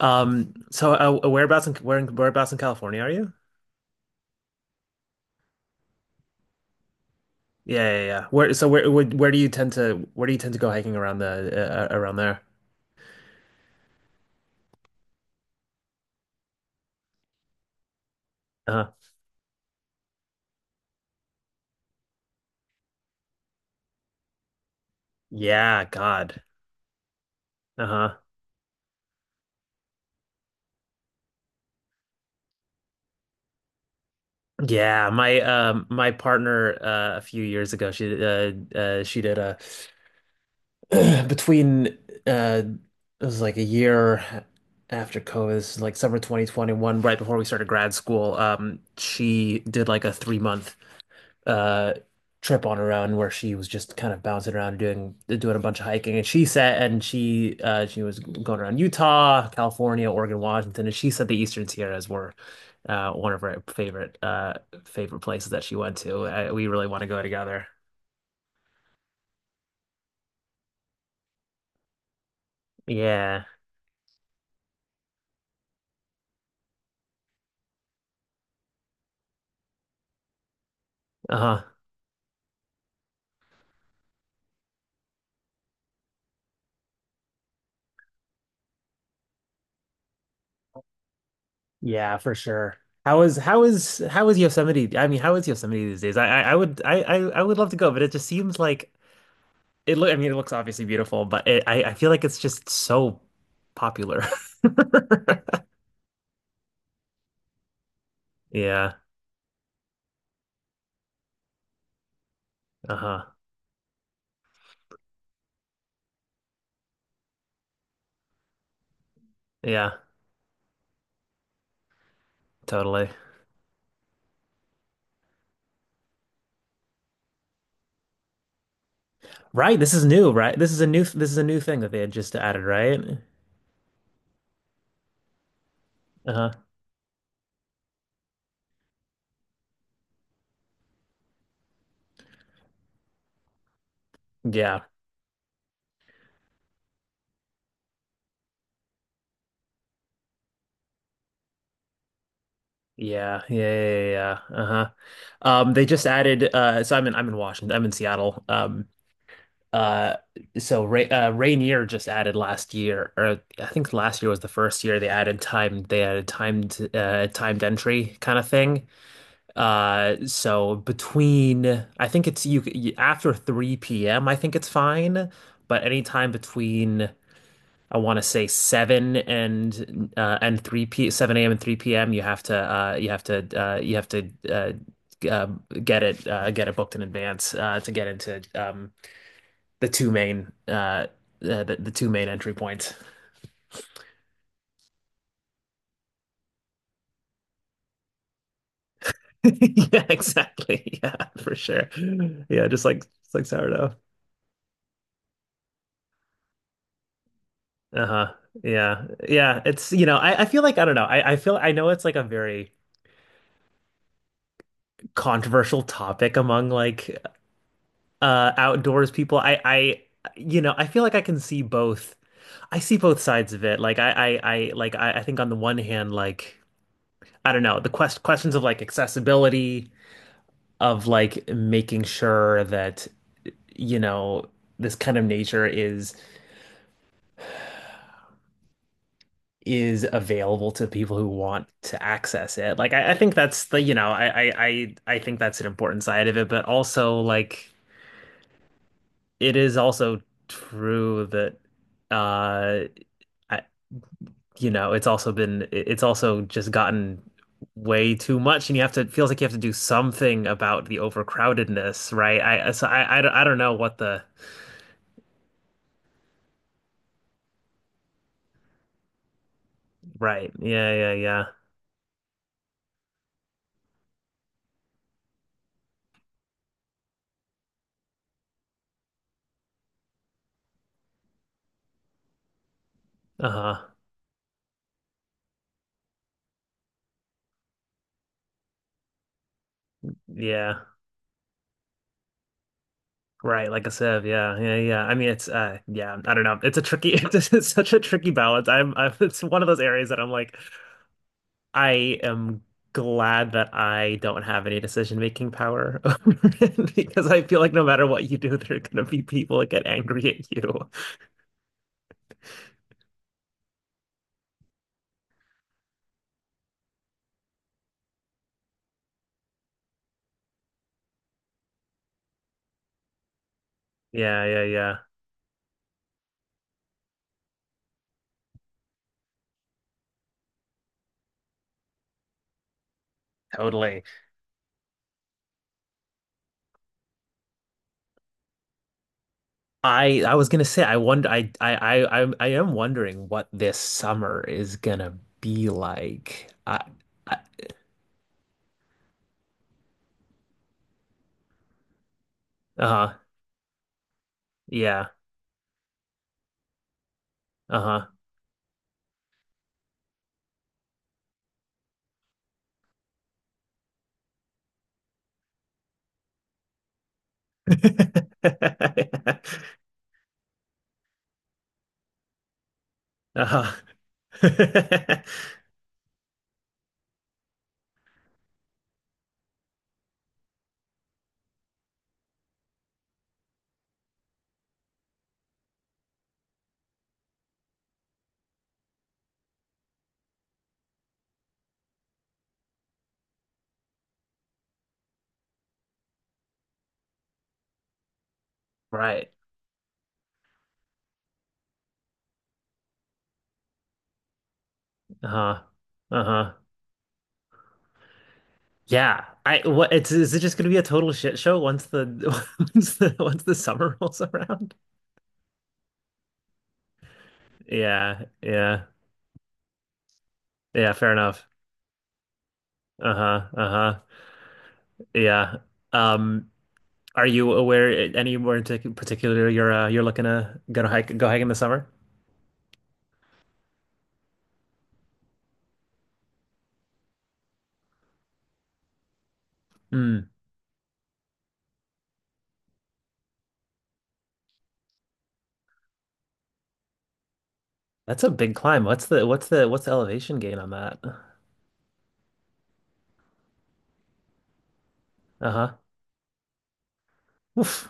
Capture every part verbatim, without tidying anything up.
Um, so uh, whereabouts in where in- whereabouts in California are you? Yeah, yeah, yeah. Where so where where, where do you tend to where do you tend to go hiking around the uh, uh, around there? Uh-huh. Yeah, God. Uh-huh. Yeah, my um my partner uh a few years ago she uh, uh she did a between uh it was like a year after COVID. This is like summer twenty twenty-one, right before we started grad school. Um she did like a three-month uh trip on her own where she was just kind of bouncing around doing doing a bunch of hiking, and she said and she uh she was going around Utah, California, Oregon, Washington, and she said the Eastern Sierras were uh one of her favorite uh favorite places that she went to. I, we really want to go together. Yeah. Uh-huh. Yeah, for sure. How is how is how is Yosemite? I mean, how is Yosemite these days? I I, I would I, I I would love to go, but it just seems like— it look, I mean, it looks obviously beautiful, but it, I, I feel like it's just so popular. Yeah. Uh-huh. Yeah, totally. Right. This is new, right? This is a new this is a new thing that they had just added, right? Uh-huh. Yeah. Yeah. Yeah. Yeah. Yeah. Yeah. Uh-huh. Um, they just added uh so I'm in I'm in Washington. I'm in Seattle. Um uh so Ray, uh, Rainier just added last year, or I think last year was the first year they added time they added timed uh timed entry kind of thing. Uh, so between, I think it's— you, you after three p m, I think it's fine, but anytime between, I want to say seven and uh and three p seven a m and three p m, you have to uh you have to uh you have to uh g- um, get it uh get it booked in advance uh to get into um the two main uh uh, the, the two main entry points. Yeah, exactly. Yeah, for sure. Yeah, just like— just like sourdough. Uh-huh. Yeah. Yeah. It's, you know, I— I feel like I don't know. I, I feel I know it's like a very controversial topic among like uh outdoors people. I I you know, I feel like I can see both— I see both sides of it. Like I I, I like I, I think on the one hand, like I don't know, the quest questions of like accessibility, of like making sure that, you know, this kind of nature is— is available to people who want to access it. Like I, I think that's the, you know, I, I I I think that's an important side of it, but also like it is also true that uh I, you know, it's also been— it- it's also just gotten way too much, and you have to— it feels like you have to do something about the overcrowdedness, right? I so I I, don't- I don't know what the— right. Yeah, yeah, yeah. Uh-huh. Yeah. Right, like a sieve. Yeah, yeah, yeah. I mean, it's uh, yeah. I don't know. It's a tricky— It's, it's such a tricky balance. I'm, I'm. It's one of those areas that I'm like, I am glad that I don't have any decision making power over it, because I feel like no matter what you do, there are gonna be people that get angry at you. Yeah, yeah, yeah. Totally. I, I was gonna say, I wonder. I, I, I, I, I am wondering what this summer is gonna be like. I, I, uh, yeah. Uh-huh. Uh-huh. Right. Uh-huh. Uh-huh. Yeah. I— what it's— is it just gonna be a total shit show once the once the once the summer rolls around? Yeah, yeah. Yeah, fair enough. Uh-huh. Uh-huh. Yeah. Um, are you aware eh, anywhere in tic- particular you're uh, you're looking to go to hike go hike in the summer? Mm. That's a big climb. What's the what's the what's the elevation gain on that? Uh-huh. Oof.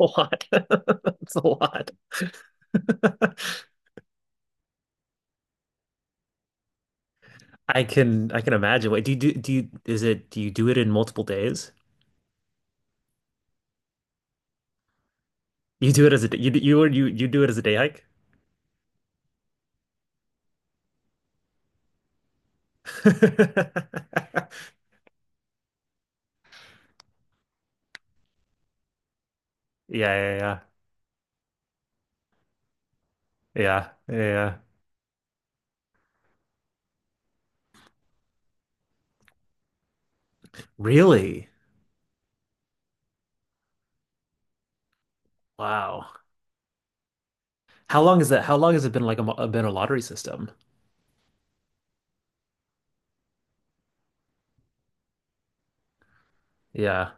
A lot. That's a lot. I can I can imagine. Wait, do you do do you is it— do you do it in multiple days? You do it as a— you do- you you you do it as a day hike? Yeah, yeah, yeah, yeah, yeah, yeah. Really? Wow. How long is that? How long has it been like a, mo- been a lottery system? Yeah.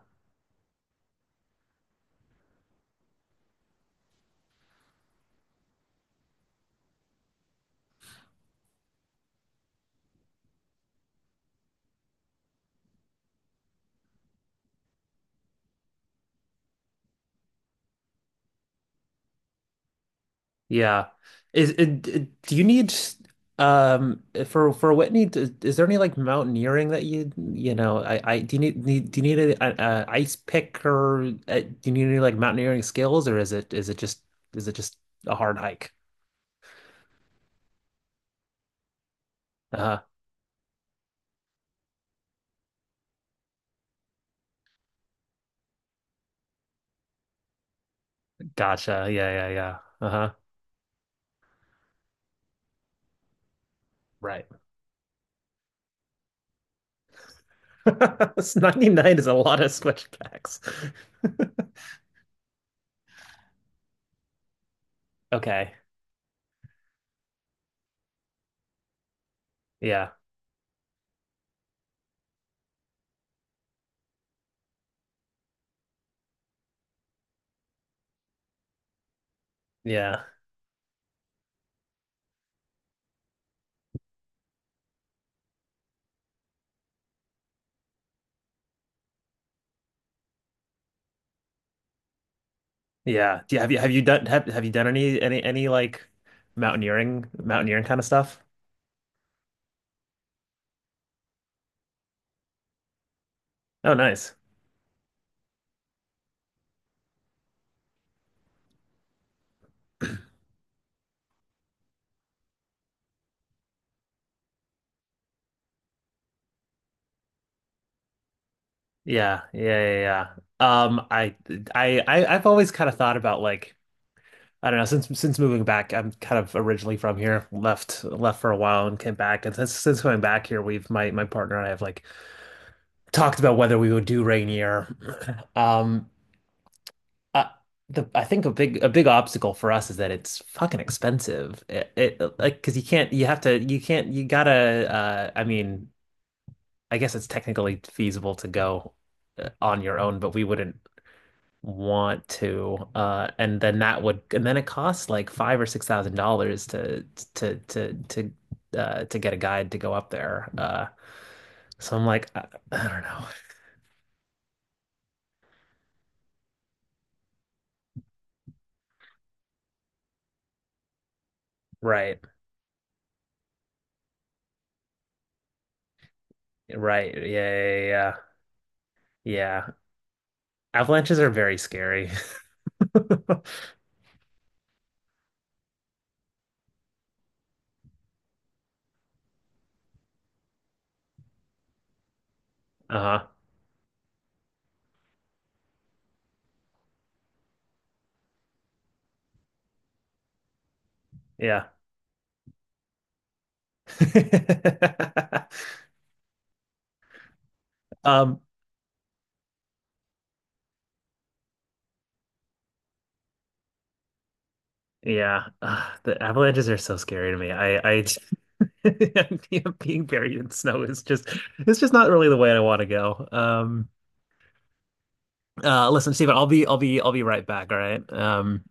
Yeah. Is it, do you need um for— for Whitney— d is there any like mountaineering that you— you know I I do you need, need— do you need a, a, a ice pick, or uh, do you need any like mountaineering skills, or is it— is it just is it just a hard hike? Uh-huh. Gotcha. Yeah, yeah, yeah. Uh-huh. Right. It's— ninety-nine is a lot of switchbacks. Okay. Yeah. Yeah. Yeah. Do you, have you— have you done have, have you done any any any like mountaineering mountaineering kind of stuff? Oh, nice. Yeah, yeah, yeah, yeah. Um, I, I, I, I've always kind of thought about like I don't know, since— since moving back. I'm kind of originally from here, left left for a while and came back. And since— since coming back here, we've— my my partner and I have like talked about whether we would do rain year. Um, uh, the— I think a big— a big obstacle for us is that it's fucking expensive. It, it like because you can't— you have to— you can't— you gotta uh I mean, I guess it's technically feasible to go uh, on your own, but we wouldn't want to. Uh, and then that would— and then it costs like five or six thousand dollars to to to to uh to get a guide to go up there. Uh, so I'm like I, I don't know. Right, right, yeah, yeah, yeah. Yeah. Avalanches are very scary. Uh-huh. Yeah. Um, yeah. Uh, the avalanches are so scary to me. I I being buried in snow is just— it's just not really the way I want to go. Um uh listen, Stephen, I'll be I'll be I'll be right back, all right? Um